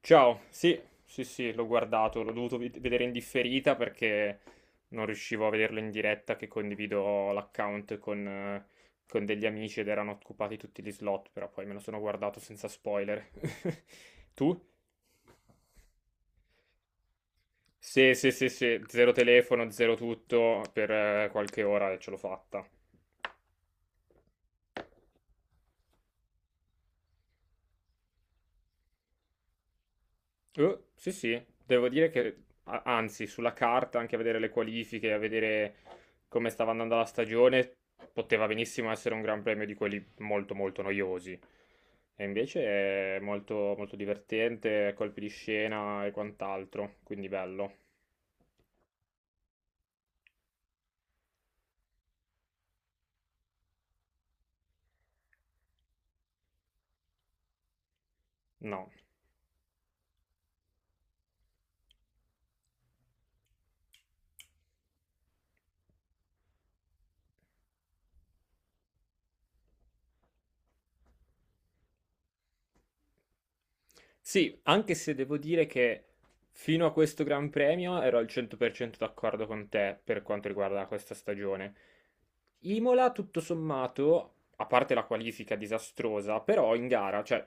Ciao, sì, sì, sì, l'ho guardato, vedere in differita perché non riuscivo a vederlo in diretta, che condivido l'account con degli amici ed erano occupati tutti gli slot, però poi me lo sono guardato senza spoiler. Tu? Sì, sì, sì, sì, zero telefono, zero tutto, per qualche ora e ce l'ho fatta. Sì, sì, devo dire che anzi, sulla carta, anche a vedere le qualifiche, a vedere come stava andando la stagione, poteva benissimo essere un gran premio di quelli molto, molto noiosi. E invece è molto, molto divertente, colpi di scena e quant'altro, quindi bello. No. Sì, anche se devo dire che fino a questo Gran Premio ero al 100% d'accordo con te per quanto riguarda questa stagione. Imola, tutto sommato, a parte la qualifica disastrosa, però in gara, cioè,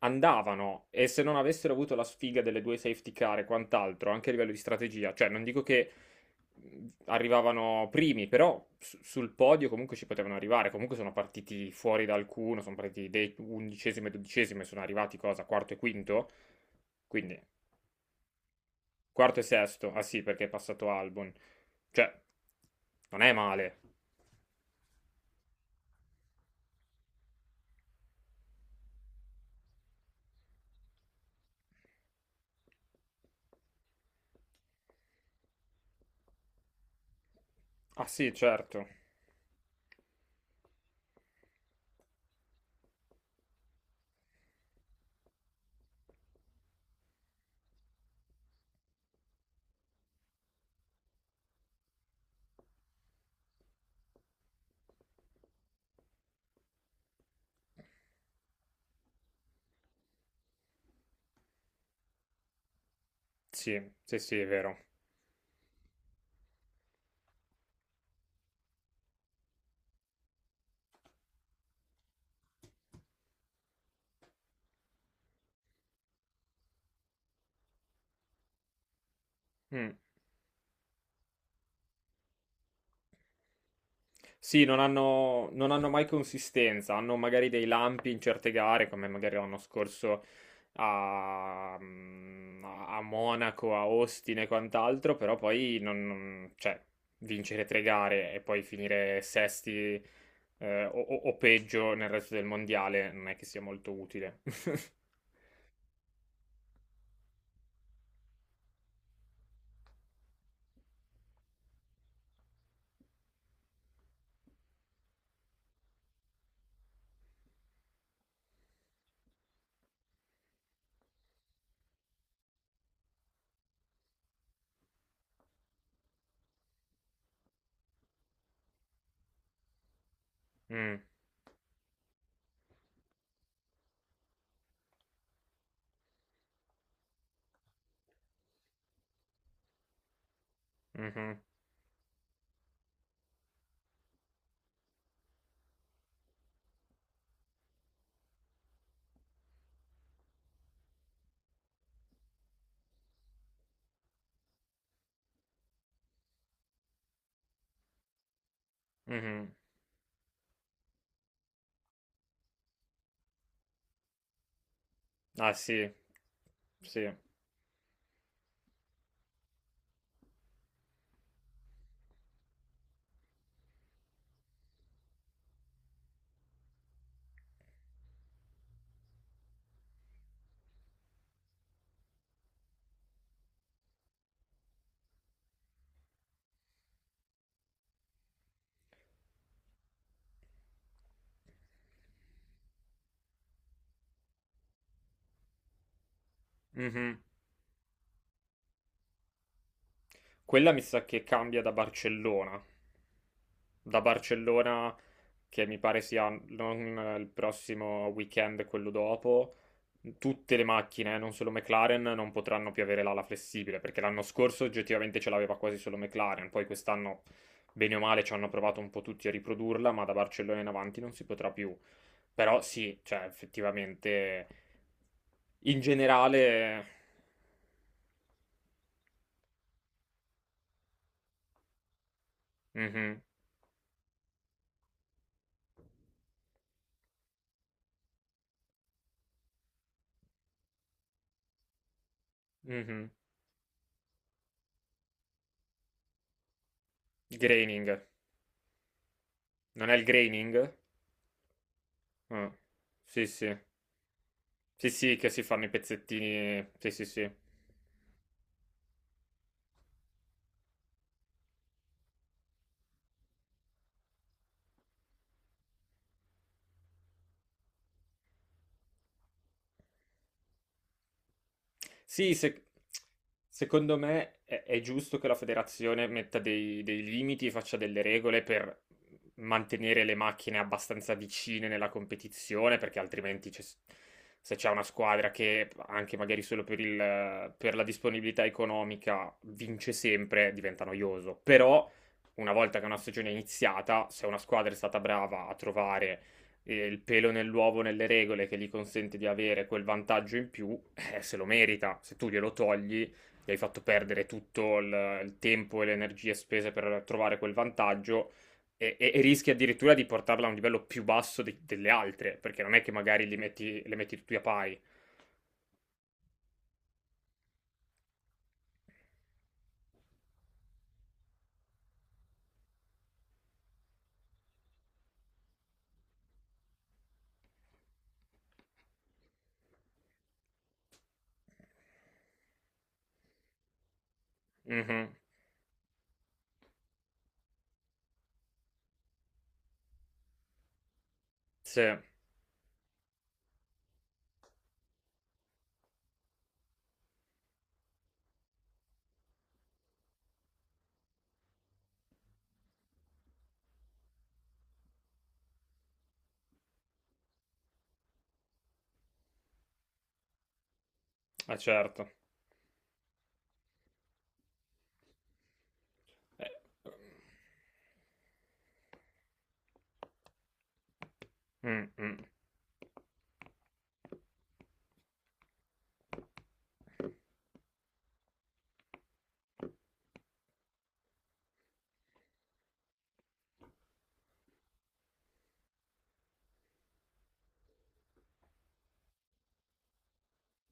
andavano e se non avessero avuto la sfiga delle due safety car e quant'altro, anche a livello di strategia, cioè, non dico che arrivavano primi, però sul podio comunque ci potevano arrivare. Comunque sono partiti fuori da alcuno, undicesimo e dodicesimo e sono arrivati cosa? Quarto e quinto? Quindi quarto e sesto. Ah sì, perché è passato Albon. Cioè, non è male. Ah sì, certo. Sì, sì, sì, è vero. Mm. Sì, non hanno mai consistenza, hanno magari dei lampi in certe gare, come magari l'anno scorso a, a Monaco, a Austin e quant'altro, però poi non, non- cioè, vincere tre gare e poi finire sesti, o peggio nel resto del mondiale non è che sia molto utile. Mm, mhm, mhm. Ah sì, sì. Mhm. Quella mi sa che cambia da Barcellona. Da Barcellona, che mi pare sia non il prossimo weekend, quello dopo, tutte le macchine, non solo McLaren, non potranno più avere l'ala flessibile, perché l'anno scorso oggettivamente ce l'aveva quasi solo McLaren, poi quest'anno, bene o male, ci hanno provato un po' tutti a riprodurla, ma da Barcellona in avanti non si potrà più. Però sì, cioè effettivamente, in generale... mhm, mhm. Graining. Non è il graining? Ah, sì, sì. Sì, sì, che si fanno i pezzettini. Sì, sì, sì. Sì, se- secondo me è giusto che la federazione metta dei, dei limiti e faccia delle regole per mantenere le macchine abbastanza vicine nella competizione, perché altrimenti se c'è una squadra che anche magari solo per per la disponibilità economica vince sempre, diventa noioso. Però una volta che una stagione è iniziata, se una squadra è stata brava a trovare il pelo nell'uovo nelle regole che gli consente di avere quel vantaggio in più, se lo merita. Se tu glielo togli, gli hai fatto perdere tutto il tempo e le energie spese per trovare quel vantaggio e rischi addirittura di portarla a un livello più basso delle altre, perché non è che magari li metti, le metti tutti a pari. Mhm. Sì, è certo. Eh, mm, mm,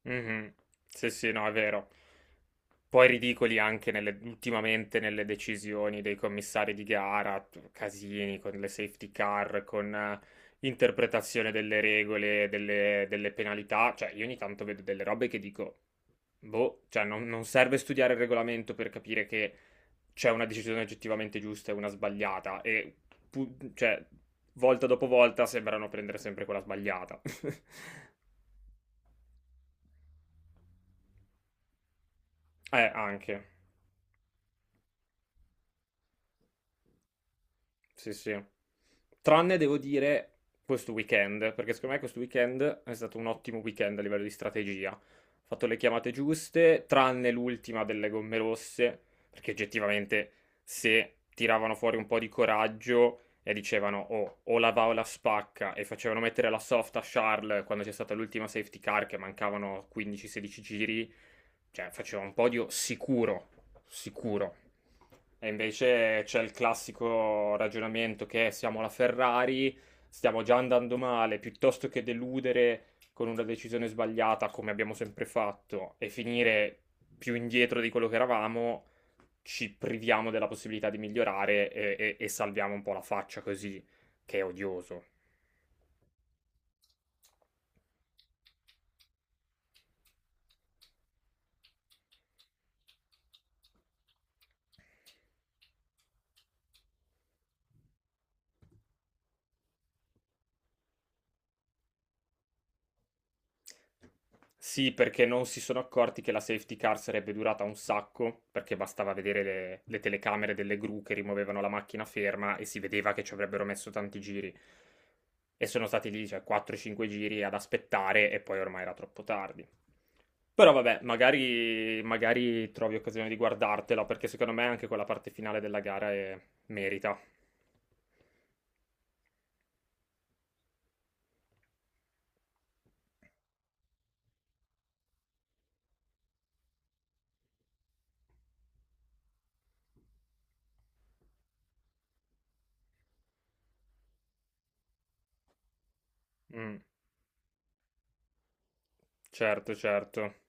mhm. Sì, sì, no, è vero. Poi ridicoli anche ultimamente nelle decisioni dei commissari di gara, casini con le safety car, con interpretazione delle regole, delle, delle penalità. Cioè, io ogni tanto vedo delle robe che dico, boh, non serve studiare il regolamento per capire che c'è una decisione oggettivamente giusta e una sbagliata. E, cioè, volta dopo volta sembrano prendere sempre quella sbagliata. Anche. Sì, sì. Tranne devo dire questo weekend, perché secondo me questo weekend è stato un ottimo weekend a livello di strategia. Ho fatto le chiamate giuste, tranne l'ultima delle gomme rosse, perché oggettivamente se tiravano fuori un po' di coraggio e dicevano "Oh, o la va o la spacca" e facevano mettere la soft a Charles quando c'è stata l'ultima safety car che mancavano 15-16 giri, cioè faceva un podio sicuro, sicuro. E invece c'è il classico ragionamento che è, siamo la Ferrari, stiamo già andando male, piuttosto che deludere con una decisione sbagliata, come abbiamo sempre fatto, e finire più indietro di quello che eravamo, ci priviamo della possibilità di migliorare e salviamo un po' la faccia così, che è odioso. Sì, perché non si sono accorti che la safety car sarebbe durata un sacco, perché bastava vedere le telecamere delle gru che rimuovevano la macchina ferma e si vedeva che ci avrebbero messo tanti giri. E sono stati lì, cioè, 4-5 giri ad aspettare e poi ormai era troppo tardi. Però vabbè, magari, magari trovi occasione di guardartelo, perché secondo me anche quella parte finale della gara merita. Mm, certo, certo.